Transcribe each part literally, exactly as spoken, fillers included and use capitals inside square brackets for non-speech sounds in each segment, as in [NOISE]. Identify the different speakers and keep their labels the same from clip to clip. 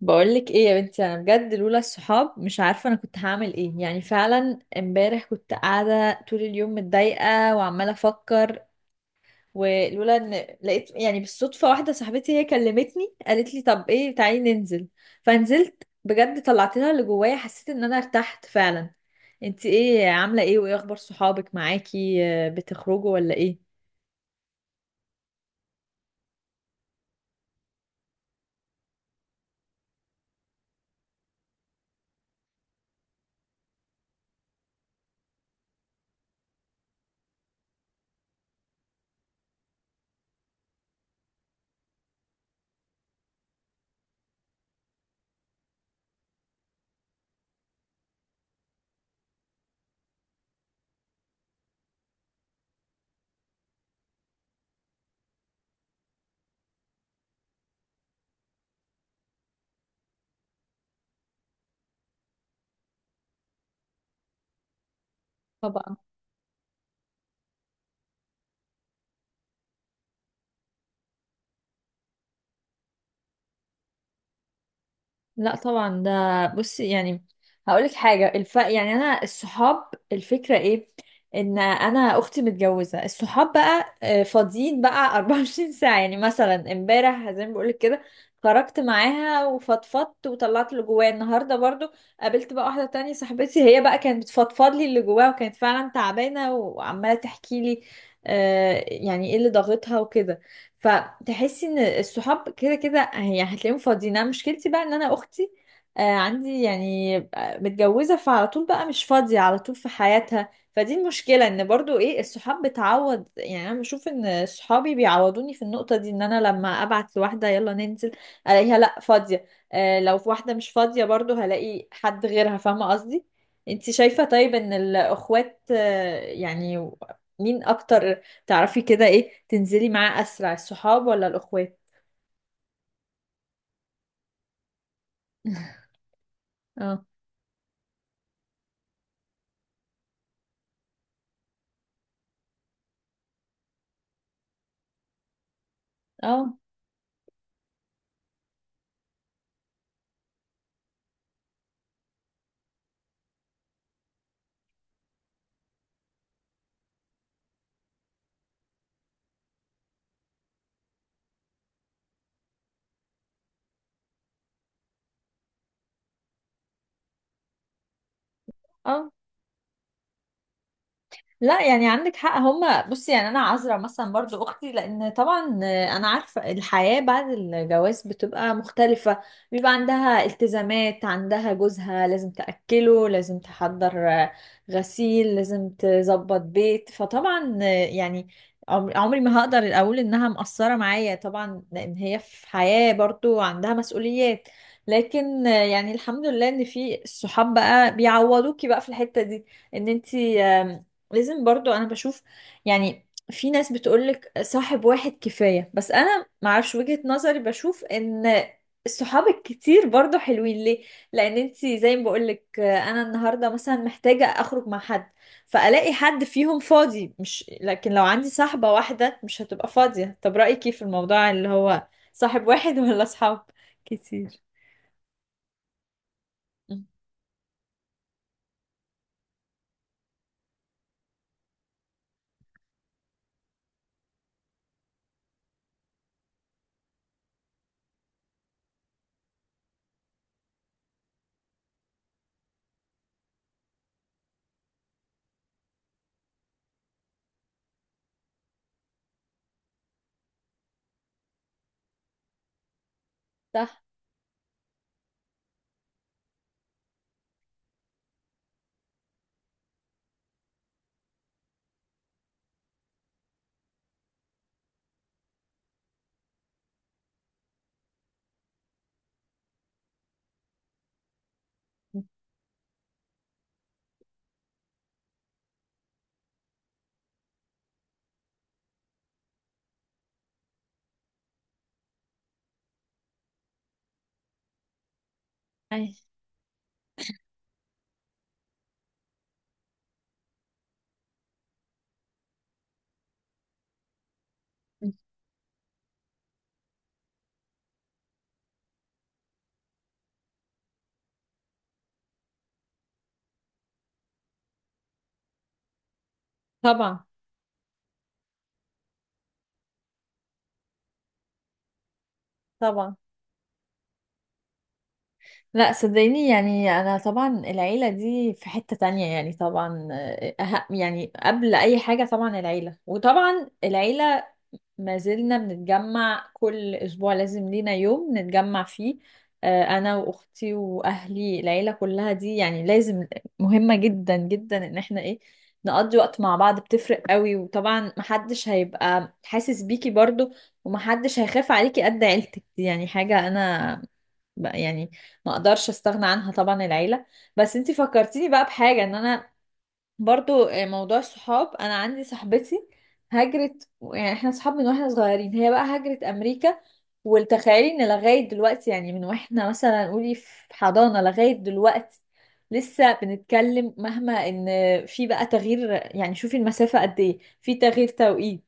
Speaker 1: بقولك ايه يا بنتي؟ انا بجد لولا الصحاب مش عارفه انا كنت هعمل ايه. يعني فعلا امبارح كنت قاعده طول اليوم متضايقه وعماله افكر، ولولا ان لقيت يعني بالصدفه واحده صاحبتي هي كلمتني قالت لي طب ايه تعالي ننزل، فنزلت بجد طلعت لها اللي جوايا، حسيت ان انا ارتحت فعلا. انتي ايه عامله ايه، وايه اخبار صحابك معاكي؟ آه، بتخرجوا ولا ايه؟ لا طبعا، ده بصي يعني هقولك حاجة، الف... يعني أنا الصحاب، الفكرة إيه؟ إن أنا أختي متجوزة، الصحاب بقى آه، فاضيين بقى [LAUGHS] اربعة وعشرين ساعة. يعني مثلا امبارح زي ما بقولك كده خرجت معاها وفضفضت وطلعت اللي جوايا، النهاردة برضو قابلت بقى واحدة تانية صاحبتي، هي بقى كانت بتفضفض لي اللي جواها وكانت فعلا تعبانة وعمالة تحكي لي آه، يعني إيه اللي ضاغطها وكده. فتحسي ان الصحاب كده كده هي هتلاقيهم فاضيين. انا مشكلتي بقى ان انا اختي آه، عندي يعني آه، متجوزة، فعلى طول بقى مش فاضية على طول في حياتها، فدي المشكلة. ان برضو ايه، الصحاب بتعوض. يعني انا بشوف ان صحابي بيعوضوني في النقطة دي، ان انا لما ابعت لواحدة يلا ننزل الاقيها لا فاضية، آه، لو في واحدة مش فاضية برضو هلاقي حد غيرها، فاهمة قصدي؟ انتي شايفة طيب ان الاخوات آه، يعني مين اكتر تعرفي كده، ايه تنزلي معاه اسرع، الصحاب ولا الاخوات؟ [LAUGHS] اه. اه. اه، لا يعني عندك حق. هما بصي يعني انا عذرة مثلا برضو اختي، لان طبعا انا عارفة الحياة بعد الجواز بتبقى مختلفة. بيبقى عندها التزامات، عندها جوزها، لازم تأكله، لازم تحضر غسيل، لازم تظبط بيت. فطبعا يعني عمر- عمري ما هقدر اقول انها مقصرة معايا طبعا، لان هي في حياة برضو عندها مسؤوليات. لكن يعني الحمد لله ان في الصحاب بقى بيعوضوكي بقى في الحتة دي، ان انتي لازم برضو، انا بشوف يعني في ناس بتقولك صاحب واحد كفاية، بس انا معرفش، وجهة نظري بشوف ان الصحاب الكتير برضو حلوين. ليه؟ لان انتي زي ما بقولك، آه، انا النهاردة مثلا محتاجة اخرج مع حد فالاقي حد فيهم فاضي، مش لكن لو عندي صاحبة واحدة مش هتبقى فاضية. طب رأيك ايه في الموضوع اللي هو صاحب واحد ولا صحاب كتير؟ م. صح. م. أي. م. طبعا. طبعا. لا صدقيني يعني انا طبعا العيله دي في حته تانية يعني. طبعا أه، يعني قبل اي حاجه طبعا العيله، وطبعا العيله ما زلنا بنتجمع كل أسبوع، لازم لينا يوم نتجمع فيه. آه، أنا وأختي وأهلي العيلة كلها دي، يعني لازم، مهمة جدا جدا إن احنا إيه نقضي وقت مع بعض، بتفرق قوي. وطبعا محدش هيبقى حاسس بيكي برضو، ومحدش هيخاف عليكي قد عيلتك دي. يعني حاجة أنا بقى- يعني ما اقدرش استغنى عنها طبعا، العيلة. بس انتي فكرتيني بقى بحاجة، ان انا برضو آه، موضوع الصحاب، انا عندي صاحبتي هاجرت. يعني احنا صحاب من واحنا صغيرين، هي بقى هاجرت امريكا. وتخيلي ان لغايه دلوقتي، يعني من واحنا مثلا قولي في حضانه لغايه دلوقتي لسه بنتكلم، مهما ان في بقى تغيير. يعني شوفي المسافه قد ايه، في تغيير توقيت،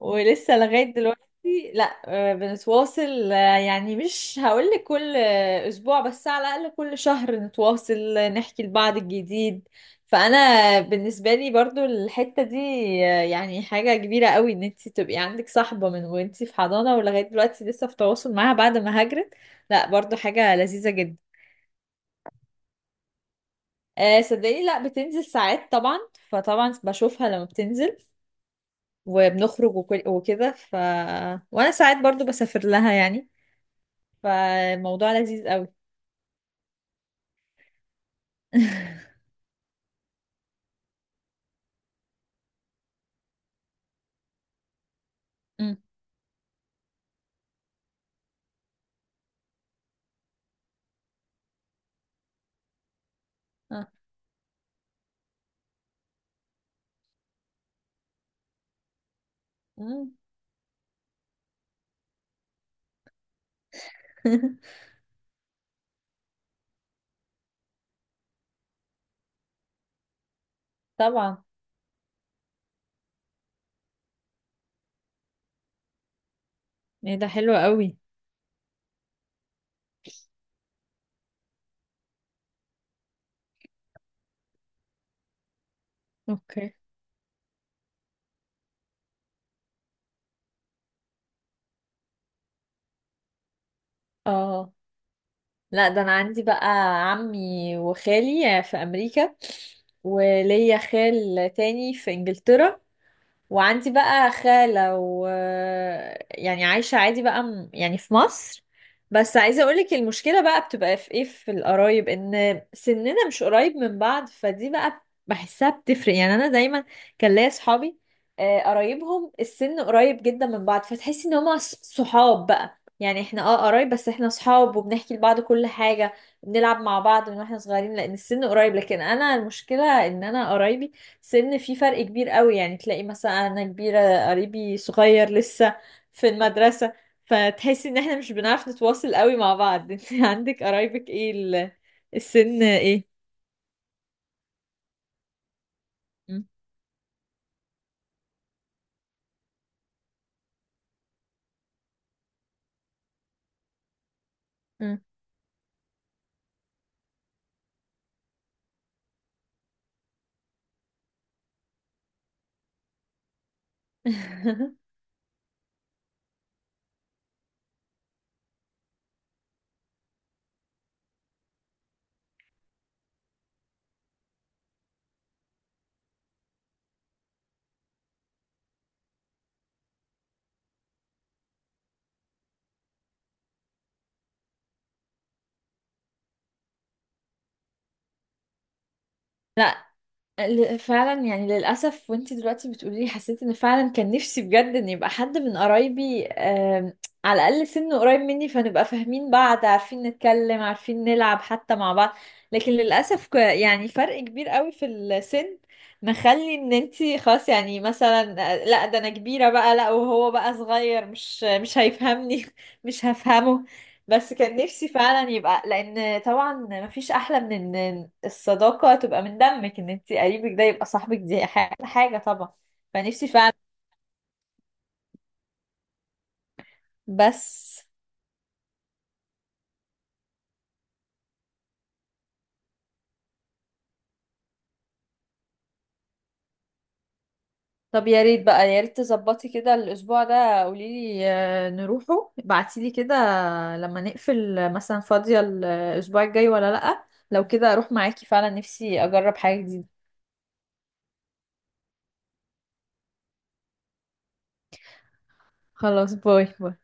Speaker 1: ولسه لغاية دلوقتي لا آه، بنتواصل. آه، يعني مش هقولك كل آه، أسبوع، بس على الأقل كل شهر نتواصل، آه، نحكي لبعض الجديد. فأنا بالنسبة لي برضو الحتة دي آه، يعني حاجة كبيرة قوي، إن انتي تبقي عندك صاحبة من وانتي في حضانة ولغاية دلوقتي لسه في تواصل معاها بعد ما هاجرت. لا برضو حاجة لذيذة جدا. آه، صدقيني لا، بتنزل ساعات طبعا، فطبعا بشوفها لما بتنزل وبنخرج وكل- وكده. ف وانا ساعات برضو بسافر لها يعني، فالموضوع لذيذ قوي. [LAUGHS] أمم. آه. أمم. [LAUGHS] طبعا. ايه ده حلو قوي اوكي اه لا ده انا عندي بقى عمي وخالي في امريكا، وليا خال تاني في انجلترا، وعندي بقى خالة، و يعني عايشة عادي بقى م- يعني في مصر. بس عايزة اقولك، المشكلة بقى بتبقى في ايه، في القرايب ان سننا مش قريب من بعض، فدي بقى بحسها بتفرق. يعني انا دايما كان ليا صحابي آه، قرايبهم السن قريب جدا من بعض، فتحسي ان هما ص- صحاب بقى. يعني احنا اه قرايب، بس احنا صحاب وبنحكي لبعض كل حاجة، بنلعب مع بعض من واحنا صغيرين لان السن قريب. لكن انا المشكلة ان انا قرايبي سن في فرق كبير قوي، يعني تلاقي مثلا انا كبيرة قريبي صغير لسه في المدرسة، فتحسي ان احنا مش بنعرف نتواصل قوي مع بعض. [LAUGHS] انت عندك قرايبك ايه، ال- السن ايه؟ م- م. [LAUGHS] ل- فعلا يعني للأسف، وانتي دلوقتي بتقولي لي حسيت ان فعلا كان نفسي بجد ان يبقى حد من قرايبي آم، على الأقل سنه قريب مني، فنبقى فاهمين بعض، عارفين نتكلم، عارفين نلعب حتى مع بعض. لكن للأسف ك- يعني فرق كبير قوي في السن، مخلي ان انتي خلاص يعني مثلا آه، لا ده انا كبيرة بقى، لا وهو بقى صغير، مش مش هيفهمني [LAUGHS] مش هفهمه. بس كان نفسي فعلا يبقى، لان طبعا مفيش احلى من ان الصداقة تبقى من دمك، ان انتي قريبك ده يبقى صاحبك، دي ح- حاجة طبعا. فنفسي فعلا، بس طب يا ريت بقى، يا ريت تظبطي كده الاسبوع ده، قوليلي آه، نروحه، ابعتيلي كده لما نقفل آه، مثلا فاضية الاسبوع الجاي ولا لأ، لو كده اروح معاكي. فعلا نفسي اجرب حاجة جديدة. خلاص، باي باي.